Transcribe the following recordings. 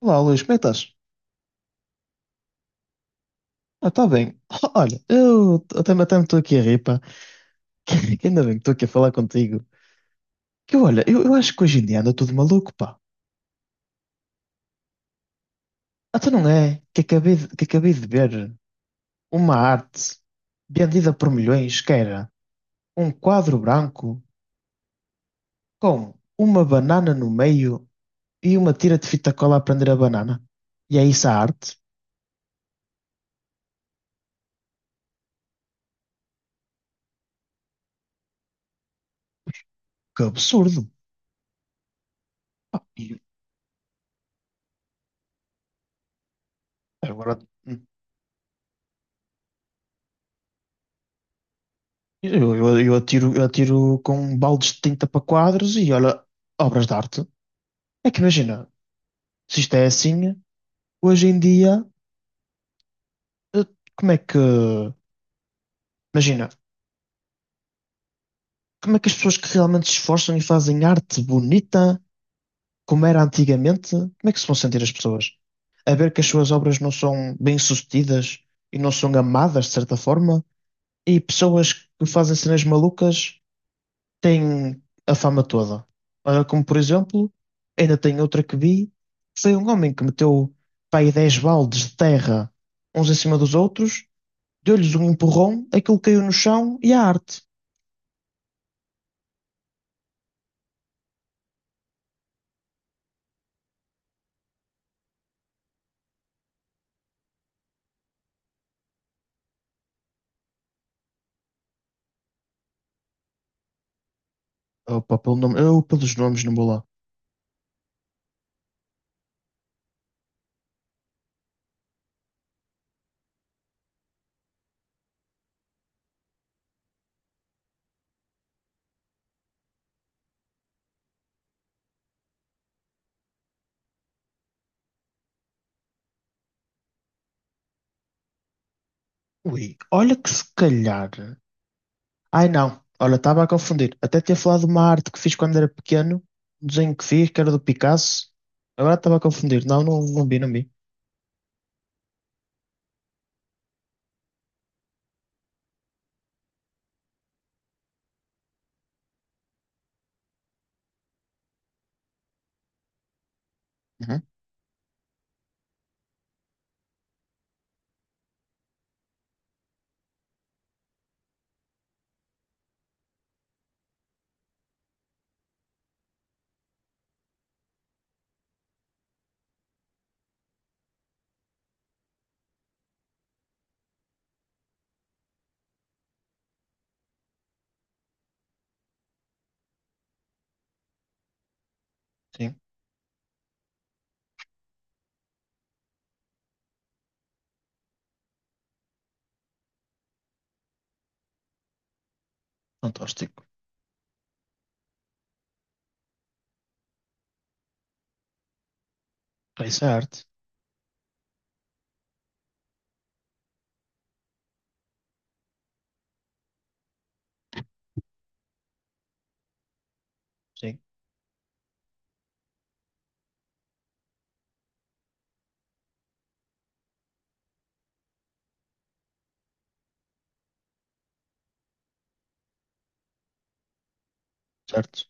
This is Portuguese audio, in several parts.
Olá, Luís, como é que estás? Ah, está bem. Olha, eu até, me estou aqui a rir, pá. Que ainda bem que estou aqui a falar contigo. Que olha, eu acho que hoje em dia anda tudo maluco, pá. Até não é? Que acabei de ver uma arte vendida por milhões, que era um quadro branco com uma banana no meio e uma tira de fita cola a prender a banana. E é isso a arte? Que absurdo. Pá, e agora. hum, eu atiro, eu atiro com baldes de tinta para quadros e olha, obras de arte. É que imagina, se isto é assim, hoje em dia, eh, como é que. Imagina, como é que as pessoas que realmente se esforçam e fazem arte bonita, como era antigamente, como é que se vão sentir as pessoas? A ver que as suas obras não são bem-sucedidas e não são amadas, de certa forma, e pessoas que fazem cenas malucas tem a fama toda. Olha, como por exemplo, ainda tem outra que vi, foi um homem que meteu, pá, aí 10 baldes de terra uns em cima dos outros, deu-lhes um empurrão, aquilo caiu no chão e a arte. Opa, pelo nome, eu pelos nomes não vou lá. Ui, olha que se calhar. Ai não, olha, estava a confundir. Até tinha falado de uma arte que fiz quando era pequeno, um desenho que fiz, que era do Picasso. Agora estava a confundir. Não vi, não vi. Uhum, sim, fantástico. Ah, isso é arte, sim, certo.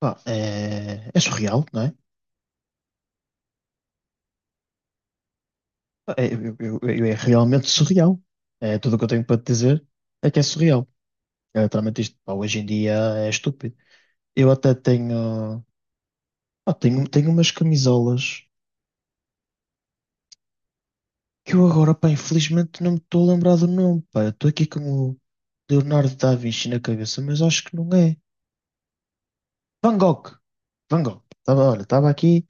Pá, é, é surreal, não é? Pá, é, é realmente surreal. É, tudo o que eu tenho para te dizer é que é surreal. É, literalmente isto, pá, hoje em dia é estúpido. Eu até tenho, pá, tenho umas camisolas que eu agora, pá, infelizmente não me estou a lembrar do nome, pá. Eu estou aqui com o Leonardo da Vinci na cabeça, mas acho que não é. Van Gogh. Van Gogh. Tava, olha, estava aqui.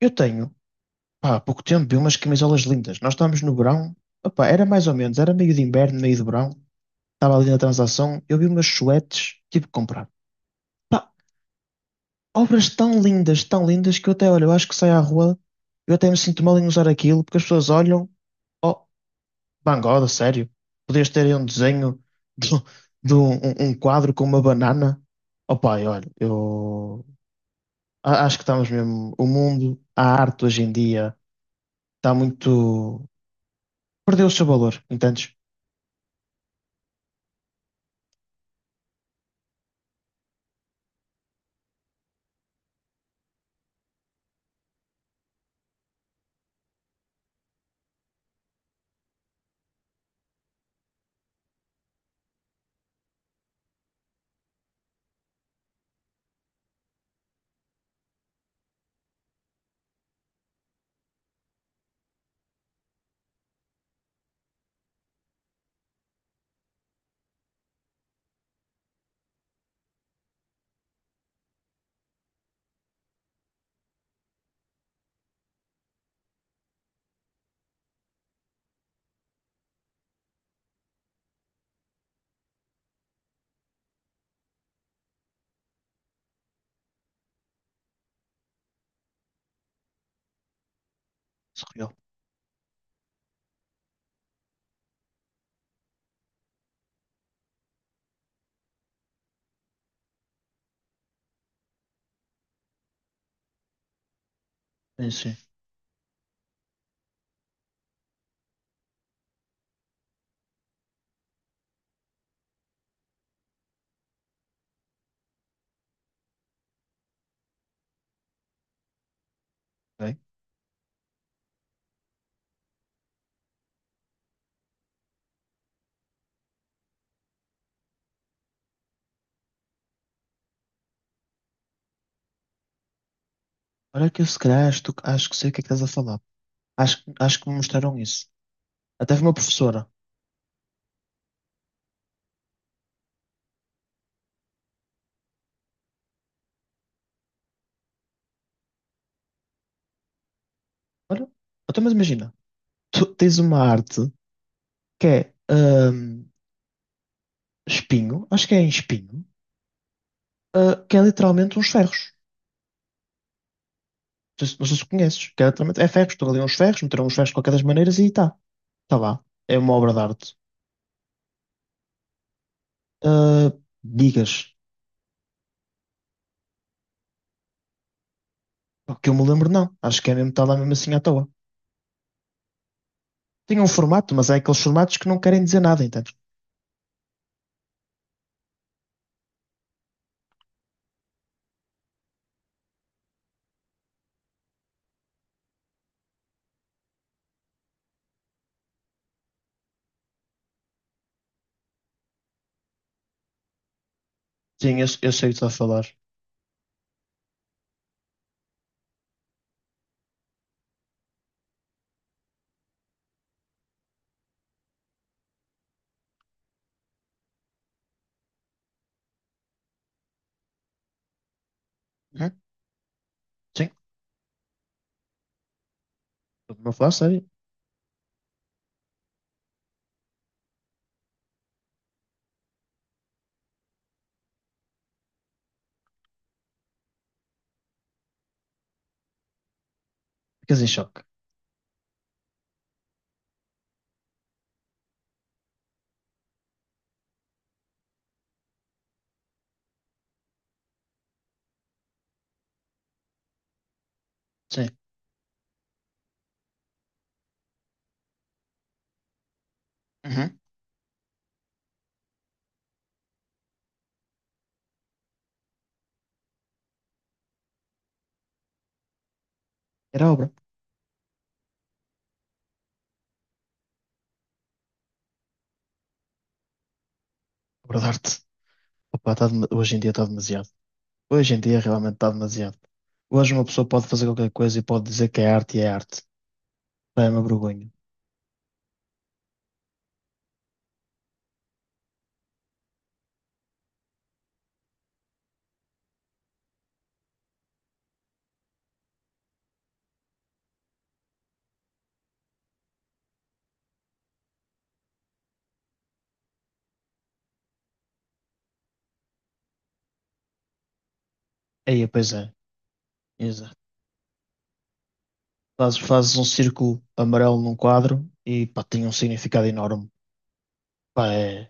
Eu tenho, pá, há pouco tempo, vi umas camisolas lindas. Nós estávamos no verão. Opa, era mais ou menos, era meio de inverno, meio de verão. Estava ali na transação, eu vi umas suetes, tive que comprar. Pá, obras tão lindas, que eu até, olha, eu acho que saio à rua, eu até me sinto mal em usar aquilo, porque as pessoas olham, oh, Van Gogh, sério, podias ter aí um desenho de, um, de um, um quadro com uma banana. Oh pai, olha, eu acho que estamos mesmo, o mundo, a arte hoje em dia, está muito, perdeu o seu valor, entendes? Surreal. Sim, sim. Ok. Olha que eu se calhar acho, acho que sei o que é que estás a falar. Acho, acho que me mostraram isso. Até foi uma professora. Olha, até mas imagina, tu tens uma arte que é espinho, acho que é em espinho, ah, que é literalmente uns ferros. Não sei, se não sei se conheces, que é literalmente é ferros, estão ali uns ferros, meteram uns ferros de qualquer das maneiras e está. Está lá. É uma obra de arte. Ah, digas, pá, que eu me lembro, não. Acho que é mesmo, está lá mesmo assim à toa. Tem um formato, mas é aqueles formatos que não querem dizer nada, entendes? Sim, eu sei o que estás a falar. Uhum. Sim. Estou a falar sério. Ficas em choque. Sim. Uhum. Era obra. Obra de arte. Opa, hoje em dia está demasiado. Hoje em dia realmente está demasiado. Hoje uma pessoa pode fazer qualquer coisa e pode dizer que é arte e é arte. Pá, é uma vergonha. Aí, pois é. Exato. Fazes, fazes um círculo amarelo num quadro e pá, tem um significado enorme. Pá,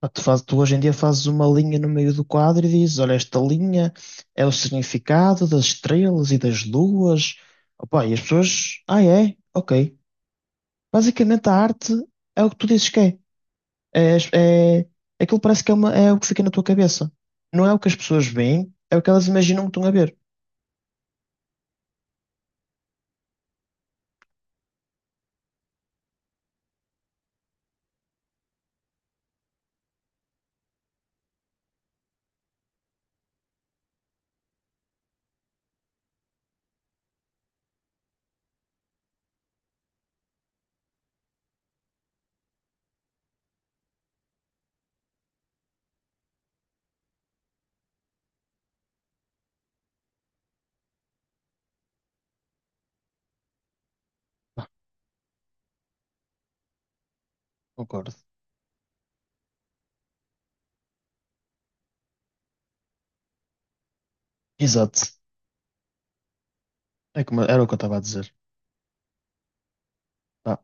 pá, tu hoje em dia fazes uma linha no meio do quadro e dizes, olha, esta linha é o significado das estrelas e das luas. Opa, e as pessoas, ah, é? Ok. Basicamente, a arte é o que tu dizes que é. É, aquilo parece que é, é o que fica na tua cabeça. Não é o que as pessoas veem, é o que elas imaginam que estão a ver. Pá, concordo. Exato. É como, era o que eu estava a dizer. Pá,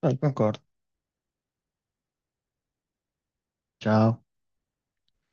pronto, concordo. Tchau.